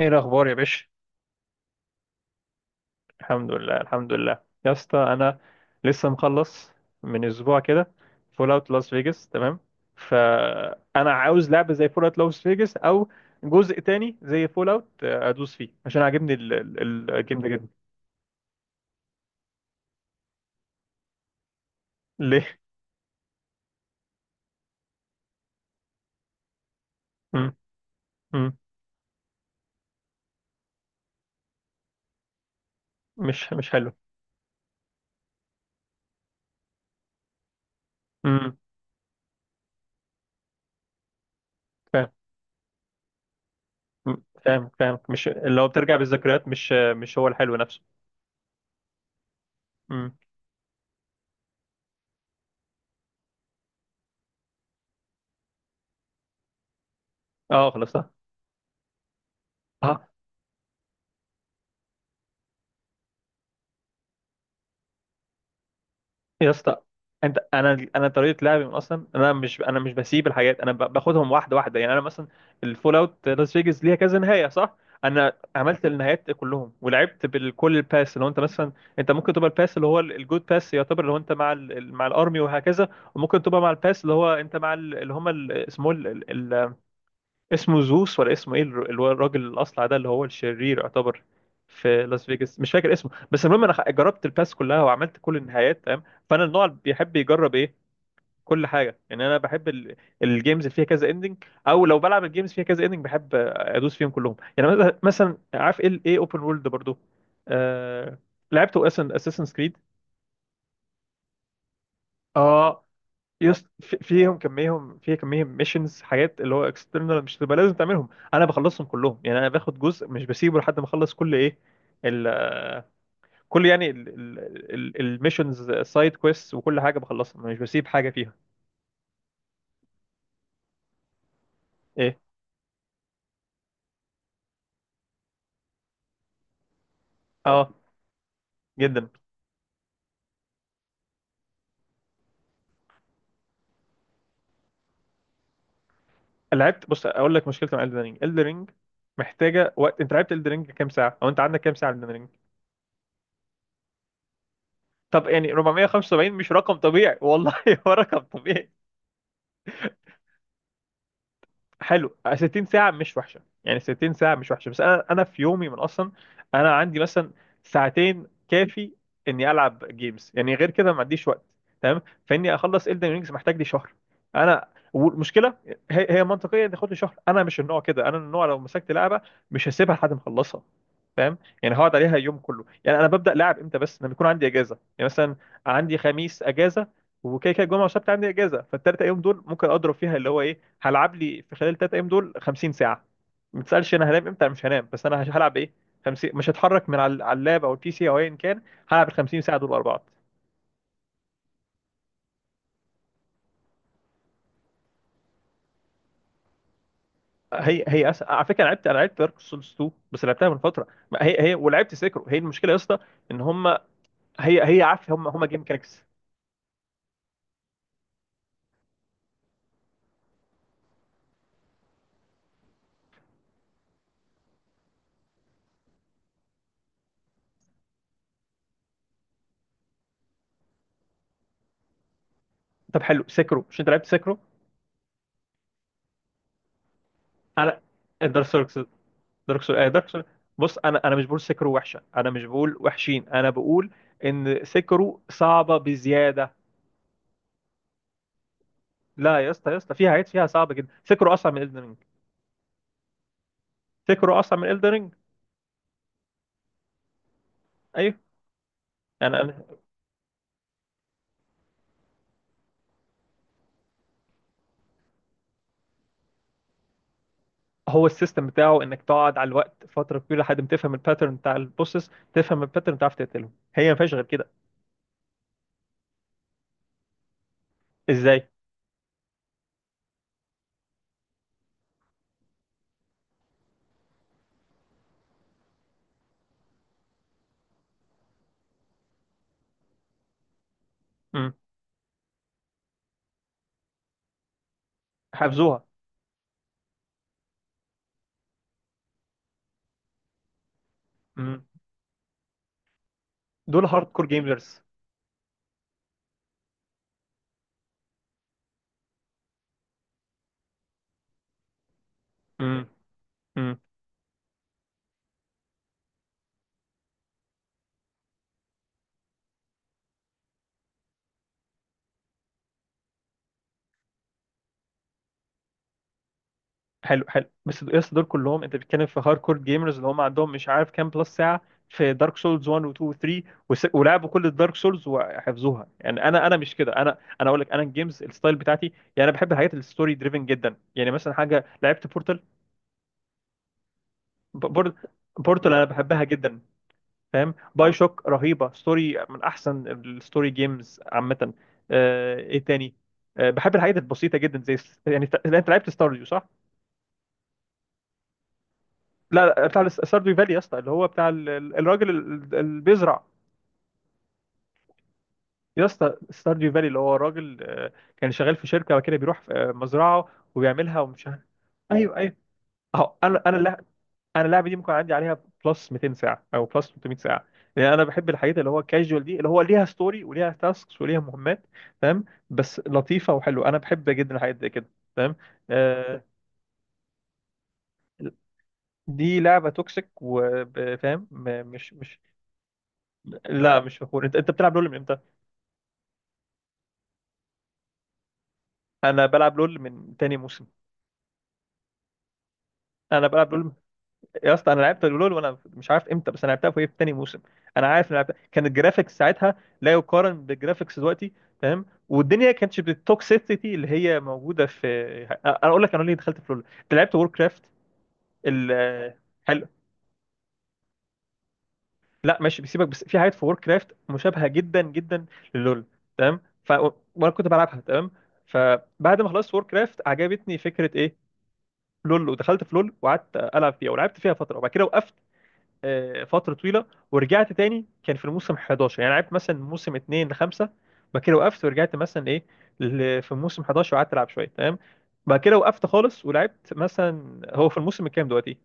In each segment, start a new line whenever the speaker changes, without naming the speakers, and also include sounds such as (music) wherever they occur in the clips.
ايه الاخبار يا باشا؟ الحمد لله الحمد لله يا اسطى، انا لسه مخلص من اسبوع كده فول اوت لاس فيجاس، تمام. فانا عاوز لعبه زي فول اوت لاس فيجاس او جزء تاني زي فول اوت ادوس فيه عشان عاجبني الجيم ده جدا. ليه؟ مم. مم. مش حلو. مم. فاهم. مم. فاهم فاهم، مش لو بترجع بالذكريات مش هو الحلو نفسه. مم. اه خلاص. اه. يا اسطى انت انا انا طريقه لعبي من اصلا، انا مش بسيب الحاجات، انا باخدهم واحده واحده يعني. انا مثلا الفول اوت لاس فيجاس ليها كذا نهايه، صح؟ انا عملت النهايات كلهم ولعبت بكل الباس، اللي هو انت مثلا انت ممكن تبقى الباس اللي هو الجود باس يعتبر، اللي هو انت مع مع الارمي وهكذا. وممكن تبقى مع الباس اللي هو انت مع اللي هم اسمه زوس، ولا اسمه ايه اللي هو الراجل الاصلع ده، اللي هو الشرير يعتبر في لاس فيجاس، مش فاكر اسمه. بس المهم انا جربت الباس كلها وعملت كل النهايات، تمام. فانا النوع اللي بيحب يجرب ايه، كل حاجه. يعني انا بحب الجيمز اللي فيها كذا اندنج، او لو بلعب الجيمز فيها كذا اندنج بحب ادوس فيهم كلهم. يعني مثلا عارف ايه، اوبن وورلد برضو. آه... لعبت اساسن كريد. اه. يس فيهم كميهم، في كميهم ميشنز، حاجات اللي هو اكسترنال، مش تبقى لازم تعملهم، انا بخلصهم كلهم، يعني انا باخد جزء مش بسيبه لحد ما اخلص كل ايه ال كل يعني الميشنز سايد كويست، وكل حاجه بخلصها، مش بسيب حاجه فيها. ايه؟ اه جدا. لعبت، بص، اقول لك مشكلتي مع الدن رينج. محتاجه وقت. انت لعبت الدن رينج كام ساعه؟ او انت عندك كام ساعه الدن رينج؟ طب يعني 475 مش رقم طبيعي والله، (laughs) هو رقم طبيعي. حلو 60 ساعة مش وحشة، يعني 60 ساعة مش وحشة، بس أنا في يومي من أصلا، أنا عندي مثلا ساعتين كافي إني ألعب جيمز، يعني غير كده ما عنديش وقت، تمام. فإني أخلص إلدن رينجز محتاج لي شهر أنا. والمشكلة هي هي منطقية تاخد لي شهر. أنا مش النوع كده، أنا النوع لو مسكت لعبة مش هسيبها لحد ما أخلصها، فاهم؟ يعني هقعد عليها يوم كله. يعني أنا ببدأ لعب إمتى؟ بس لما يكون عندي إجازة. يعني مثلا عندي خميس إجازة، وكده كده الجمعه والسبت عندي اجازه، فالثلاث ايام دول ممكن اضرب فيها اللي هو ايه، هلعب لي في خلال ال 3 ايام دول 50 ساعه، ما تسالش انا هنام امتى. أنا مش هنام، بس انا هلعب ايه، 50 مش هتحرك من على اللاب او البي سي او ايا كان، هلعب ال 50 ساعه دول ورا بعض. هي هي على فكره، انا لعبت دارك سولز 2 بس لعبتها من فتره، ما هي هي، ولعبت سيكرو. هي المشكله يا اسطى ان هم، هي هي عارف، هم جيم ميكانكس. طب حلو، سيكرو مش انت لعبت سيكرو؟ انا دارك سولز دارك سول آه دارك سول. بص انا مش بقول سكرو وحشه، انا مش بقول وحشين، انا بقول ان سكرو صعبه بزياده. لا يا اسطى، يا اسطى فيها عيب، فيها صعبه جدا. سكرو اصعب من الدن رينج. سكرو اصعب من الدن رينج. ايوه. يعني أنا. هو السيستم بتاعه انك تقعد على الوقت فتره كبيره لحد ما تفهم الباترن بتاع البوسس، تفهم الباترن تعرف تقتلهم، هي ما فيهاش غير كده. ازاي؟ امم. حافظوها. امم. دول هارد كور جيمرز. حلو حلو، بس يس دول كلهم انت بتتكلم في هاردكور جيمرز، اللي هم عندهم مش عارف كام بلس ساعه في دارك سولز 1 و 2 و 3، ولعبوا كل الدارك سولز وحفظوها. يعني انا مش كده، انا اقول لك، انا الجيمز الستايل بتاعتي يعني، انا بحب الحاجات الستوري دريفن جدا. يعني مثلا حاجه لعبت بورتال. بورتال بورتال انا بحبها جدا، فاهم؟ باي شوك رهيبه، ستوري من احسن الستوري جيمز عامه. ايه تاني؟ بحب الحاجات البسيطه جدا، زي يعني يعني انت لعبت ستارديو، صح؟ لا لا، بتاع ستارديو فالي يا اسطى، اللي هو بتاع الراجل اللي بيزرع. يا اسطى ستارديو فالي اللي هو راجل، كان شغال في شركه كده، بيروح في مزرعه وبيعملها ومش عارف. ايوه ايوه. اهو انا اللعبه دي ممكن عندي عليها بلس 200 ساعه او بلس 300 ساعه، لان انا بحب الحاجات اللي هو كاجوال دي، اللي هو ليها ستوري وليها تاسكس وليها مهمات، تمام؟ بس لطيفه وحلوه، انا بحب جدا الحاجات دي كده، تمام. آه، دي لعبه توكسيك، وفاهم مش مش لا مش فخور. انت بتلعب لول من امتى؟ انا بلعب لول من تاني موسم. انا بلعب لول. يا اسطى انا لعبت لول وانا مش عارف امتى، بس انا لعبتها في في تاني موسم. انا عارف إن أنا لعبتها كان الجرافيكس ساعتها لا يقارن بالجرافيكس دلوقتي، فاهم؟ والدنيا كانتش بالتوكسيسيتي اللي هي موجوده في. انا اقول لك انا ليه دخلت في لول. انت لعبت وور كرافت ال، حلو. لا ماشي بيسيبك، بس في حاجات في وور كرافت مشابهه جدا جدا للول، تمام. ف وانا كنت بلعبها تمام. فبعد ما خلصت وور كرافت عجبتني فكره ايه لول، ودخلت في لول وقعدت العب فيها، ولعبت فيها فتره وبعد كده وقفت فتره طويله. ورجعت تاني كان في الموسم 11، يعني لعبت مثلا موسم 2 ل 5. بعد كده وقفت ورجعت مثلا ايه في موسم 11 وقعدت العب شويه، تمام. بعد كده وقفت خالص، ولعبت مثلا، هو في الموسم الكام دلوقتي؟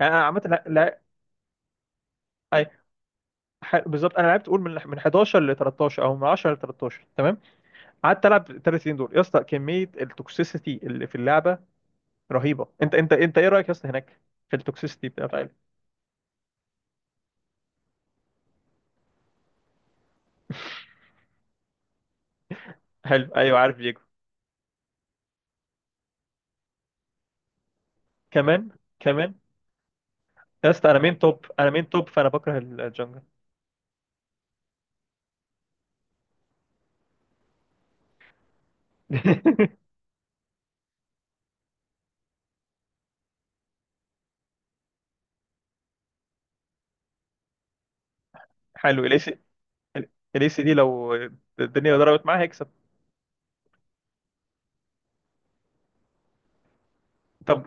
يعني انا عامه، لا لا. أي- بالظبط، انا لعبت قول من 11 ل 13 او من 10 ل 13، تمام. قعدت العب ال 3 سنين دول يا اسطى، كميه التوكسيسيتي اللي في اللعبه رهيبه. انت ايه رايك يا اسطى هناك في التوكسيسيتي بتاعت. حلو، ايوه عارف ليجو. كمان كمان، يا اسطى انا مين توب، انا مين توب، فانا بكره الجنجل. (laughs) حلو الاسي دي لو الدنيا ضربت معاه هيكسب. طب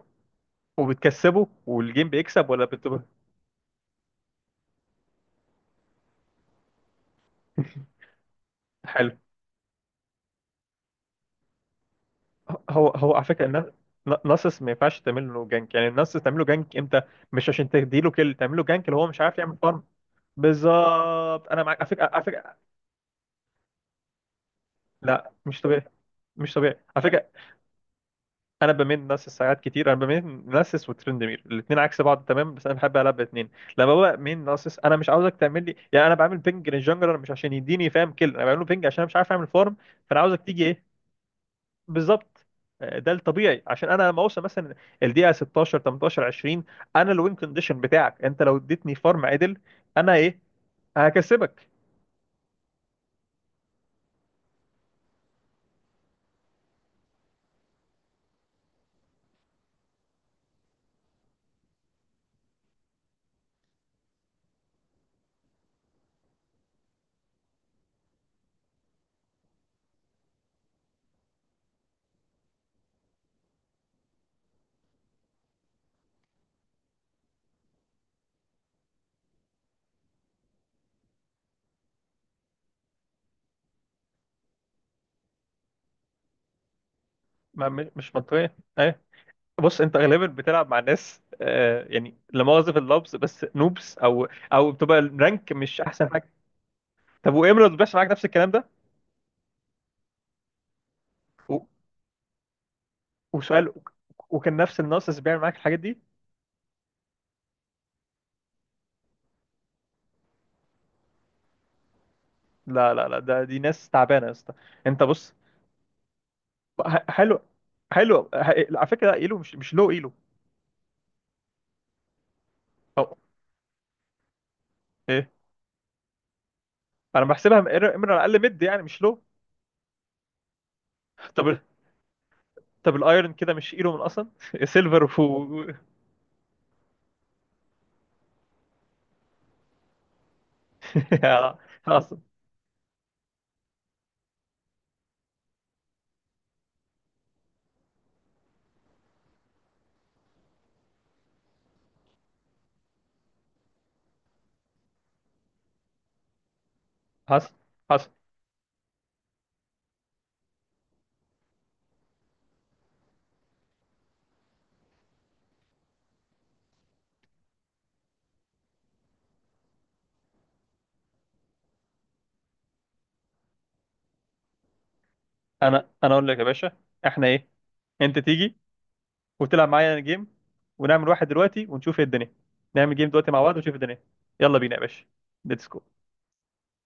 وبتكسبه والجيم بيكسب، ولا بتبقى؟ حلو، هو هو على فكره الناس، ناسس ما ينفعش تعمل له جانك، يعني الناس تعمل له جانك امتى؟ مش عشان تديله كيل تعمل له جانك، اللي هو مش عارف يعمل فارم. بالظبط، انا معاك على فكره، على فكره. لا مش طبيعي، مش طبيعي على فكره. انا بميل ناسس ساعات كتير، انا بميل ناسس وترندمير الاثنين عكس بعض، تمام. بس انا بحب العب الاثنين. لما ببقى مين ناسس انا مش عاوزك تعمل لي، يعني انا بعمل بينج للجنجلر مش عشان يديني، فاهم؟ كل انا بعمله بينج عشان انا مش عارف اعمل فارم، فانا عاوزك تيجي ايه. بالظبط. ده الطبيعي، عشان انا لما اوصل مثلا الدقيقه 16 18 20، انا الوين كونديشن بتاعك، انت لو اديتني فارم عدل انا ايه، هكسبك. ما مش منطقيه. بص انت غالبا بتلعب مع ناس يعني، لا مؤاخذه في اللفظ، بس نوبس، او بتبقى الرانك مش احسن حاجه. طب وامرالد بيحصل معاك نفس الكلام ده؟ و- وسؤال، وكان نفس الناقص بيعمل معاك الحاجات دي؟ لا لا لا، دي ناس تعبانه يا اسطى. انت بص، حلو. حلو على فكره ايلو، مش لو ايلو. او ايه، انا بحسبها امرالد اقل مد، يعني مش لو. طب الايرون كده مش ايلو من اصلا. (laughs) سيلفر و (laughs) حصل. حصل. حصل. انا اقول لك يا باشا، احنا ايه، انت تيجي وتلعب معايا جيم، ونعمل واحد دلوقتي ونشوف ايه الدنيا. نعمل جيم دلوقتي مع بعض، ونشوف الدنيا. يلا بينا يا باشا. ليتس جو.